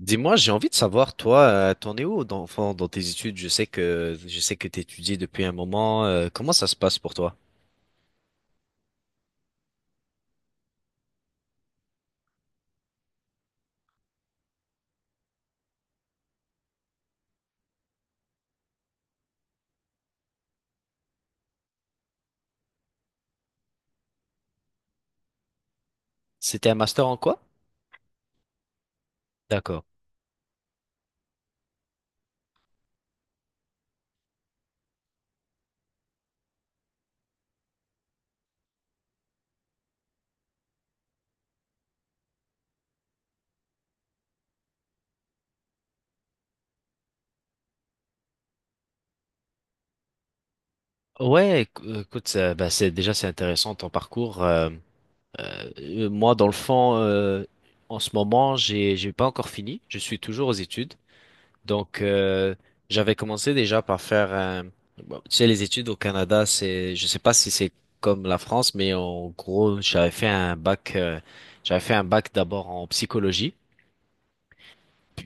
Dis-moi, j'ai envie de savoir, toi, t'en es où enfin, dans tes études? Je sais que t'étudies depuis un moment. Comment ça se passe pour toi? C'était un master en quoi? D'accord. Ouais, écoute, bah, c'est intéressant ton parcours. Moi, dans le fond, en ce moment, j'ai pas encore fini. Je suis toujours aux études. Donc, j'avais commencé déjà par faire un. Bon, tu sais, les études au Canada, je sais pas si c'est comme la France, mais en gros, j'avais fait un bac, j'avais fait un bac d'abord en psychologie.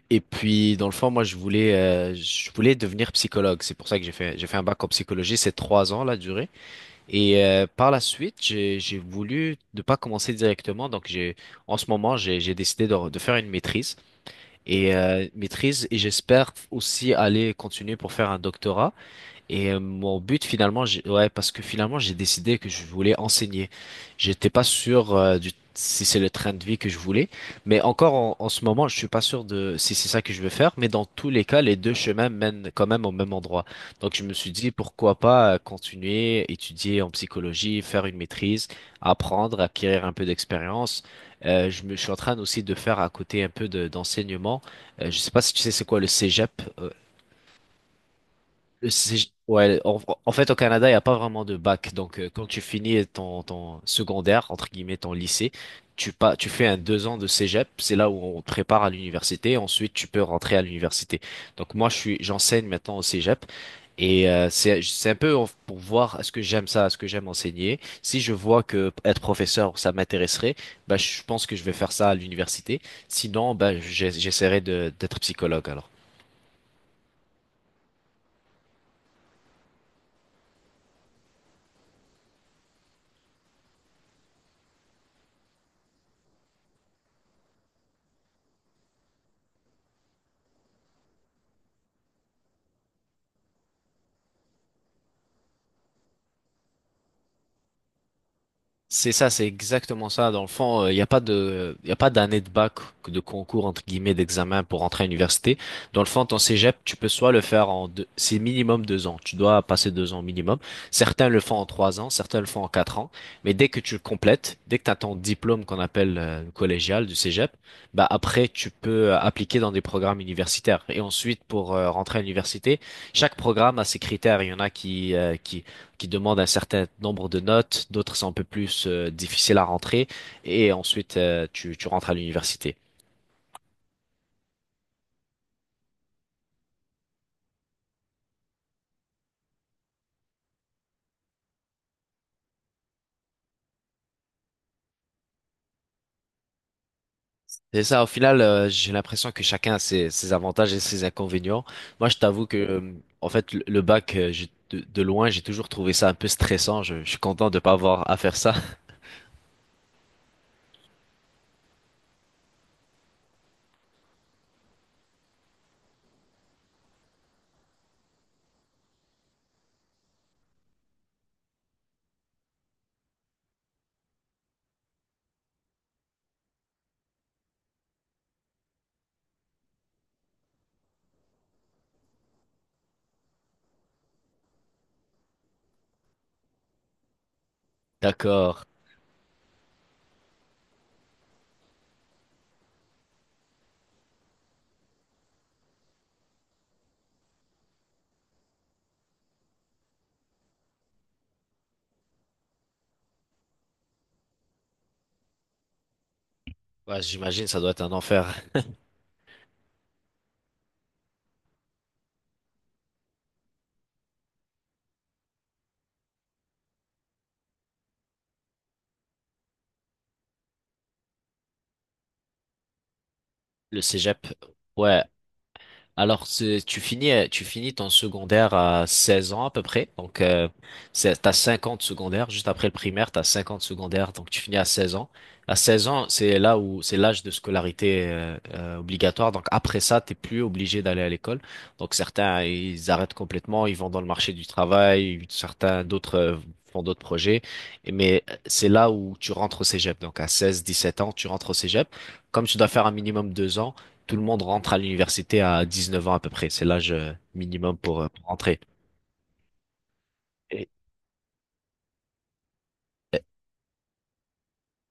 Et puis, dans le fond, moi, je voulais devenir psychologue. C'est pour ça que j'ai fait un bac en psychologie. C'est trois ans, la durée. Et par la suite, j'ai voulu ne pas commencer directement. Donc, j'ai en ce moment, j'ai décidé de faire une maîtrise et maîtrise. Et j'espère aussi aller continuer pour faire un doctorat. Et mon but finalement, ouais, parce que finalement j'ai décidé que je voulais enseigner. J'étais pas sûr du si c'est le train de vie que je voulais, mais encore en ce moment, je suis pas sûr de si c'est ça que je veux faire. Mais dans tous les cas, les deux chemins mènent quand même au même endroit. Donc je me suis dit pourquoi pas continuer, étudier en psychologie, faire une maîtrise, apprendre, acquérir un peu d'expérience. Je suis en train aussi de faire à côté un peu d'enseignement. Je sais pas si tu sais c'est quoi le cégep ouais, en fait, au Canada, il n'y a pas vraiment de bac. Donc, quand tu finis ton secondaire, entre guillemets, ton lycée, tu, pas, tu fais un 2 ans de cégep. C'est là où on te prépare à l'université. Ensuite, tu peux rentrer à l'université. Donc, moi, j'enseigne maintenant au cégep. Et c'est un peu pour voir est-ce que j'aime ça, est-ce que j'aime enseigner. Si je vois que être professeur, ça m'intéresserait, bah, je pense que je vais faire ça à l'université. Sinon, bah, j'essaierai d'être psychologue alors. C'est ça, c'est exactement ça. Dans le fond, il n'y a pas de, il a pas d'année de bac, de concours, entre guillemets, d'examen pour entrer à l'université. Dans le fond, ton cégep, tu peux soit le faire en deux, c'est minimum 2 ans. Tu dois passer 2 ans minimum. Certains le font en 3 ans, certains le font en 4 ans. Mais dès que tu le complètes, dès que tu as ton diplôme qu'on appelle collégial du cégep, bah après, tu peux appliquer dans des programmes universitaires. Et ensuite, pour rentrer à l'université, chaque programme a ses critères. Il y en a qui demandent un certain nombre de notes, d'autres sont un peu plus difficiles à rentrer, et ensuite tu rentres à l'université. C'est ça, au final, j'ai l'impression que chacun a ses avantages et ses inconvénients. Moi, je t'avoue que, en fait, le bac, de loin, j'ai toujours trouvé ça un peu stressant. Je suis content de pas avoir à faire ça. D'accord. Ouais, j'imagine, ça doit être un enfer. Le cégep. Ouais, alors, tu finis ton secondaire à 16 ans à peu près. Donc, t'as 50 secondaires. Juste après le primaire, t'as 50 secondaires. Donc, tu finis à 16 ans. À 16 ans, c'est là où c'est l'âge de scolarité obligatoire. Donc, après ça, t'es plus obligé d'aller à l'école. Donc, certains, ils arrêtent complètement. Ils vont dans le marché du travail. Certains, d'autres font d'autres projets. Mais c'est là où tu rentres au cégep. Donc, à 16, 17 ans, tu rentres au cégep. Comme tu dois faire un minimum 2 ans, tout le monde rentre à l'université à 19 ans à peu près. C'est l'âge minimum pour rentrer. Et- et-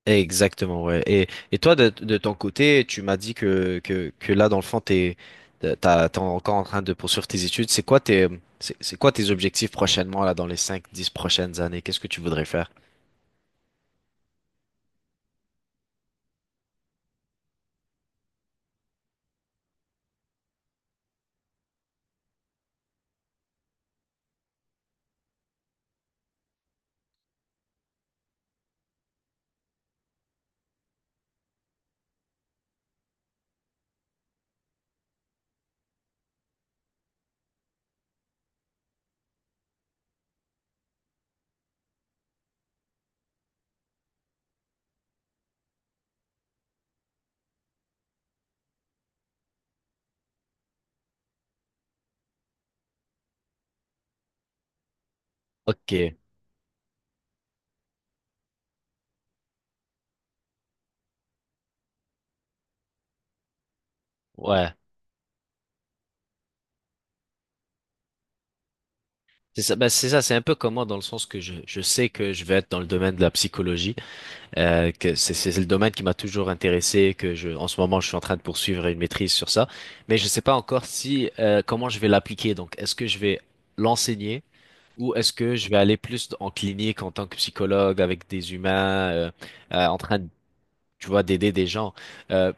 Exactement, ouais. Et toi, de ton côté, tu m'as dit que là, dans le fond, t'es encore en train de poursuivre tes études. C'est quoi tes objectifs prochainement, là, dans les cinq dix prochaines années? Qu'est-ce que tu voudrais faire? Ok, ouais. C'est ça, ben c'est ça, c'est un peu comme moi dans le sens que je sais que je vais être dans le domaine de la psychologie. Que c'est le domaine qui m'a toujours intéressé, en ce moment, je suis en train de poursuivre une maîtrise sur ça, mais je sais pas encore si comment je vais l'appliquer. Donc, est-ce que je vais l'enseigner ou est-ce que je vais aller plus en clinique en tant que psychologue avec des humains, en train de, tu vois, d'aider des gens. Euh,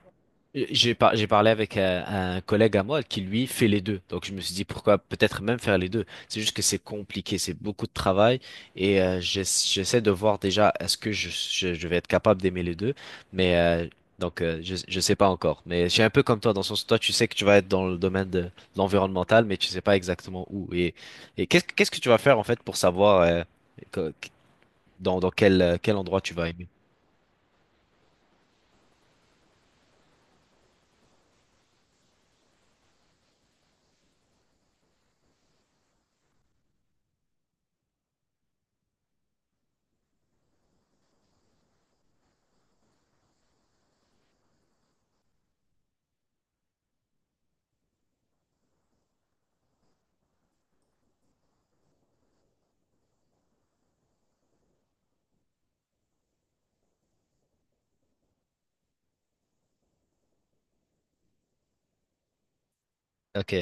j'ai parlé avec un collègue à moi qui lui fait les deux. Donc je me suis dit pourquoi peut-être même faire les deux. C'est juste que c'est compliqué, c'est beaucoup de travail et j'essaie de voir déjà est-ce que je vais être capable d'aimer les deux. Mais donc je sais pas encore. Mais je suis un peu comme toi dans le sens où toi tu sais que tu vas être dans le domaine de l'environnemental mais tu sais pas exactement où. Et qu'est-ce que tu vas faire en fait pour savoir que- dans quel endroit tu vas aimer? Ok.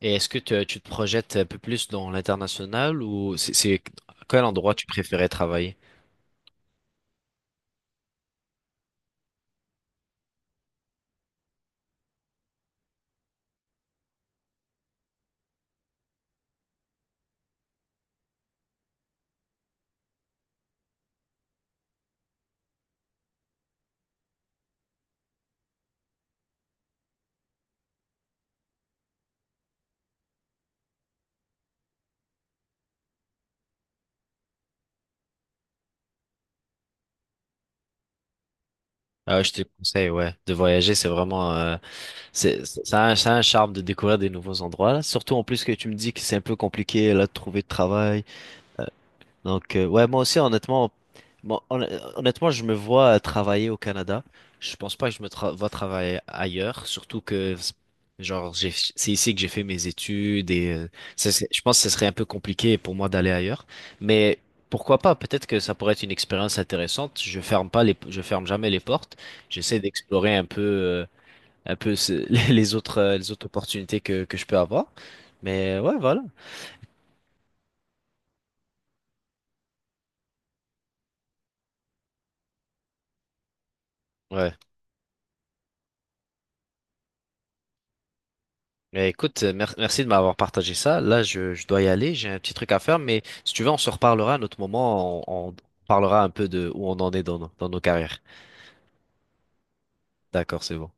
Et est-ce que tu te projettes un peu plus dans l'international ou à quel endroit tu préférais travailler? Ah, ouais, je te conseille, ouais, de voyager, c'est vraiment, ça a un charme de découvrir des nouveaux endroits, là. Surtout en plus que tu me dis que c'est un peu compliqué, là, de trouver de travail. Donc, ouais, moi aussi, honnêtement, moi, honn- je me vois travailler au Canada. Je pense pas que je me vois travailler ailleurs, surtout que, genre, c'est ici que j'ai fait mes études et je pense que ce serait un peu compliqué pour moi d'aller ailleurs. Mais pourquoi pas? Peut-être que ça pourrait être une expérience intéressante. Je ferme pas les, je ferme jamais les portes. J'essaie d'explorer un peu les autres opportunités que je peux avoir. Mais ouais, voilà. Ouais. Eh, écoute, merci de m'avoir partagé ça. Là, je dois y aller, j'ai un petit truc à faire, mais si tu veux, on se reparlera à un autre moment, on parlera un peu de où on en est dans dans nos carrières. D'accord, c'est bon.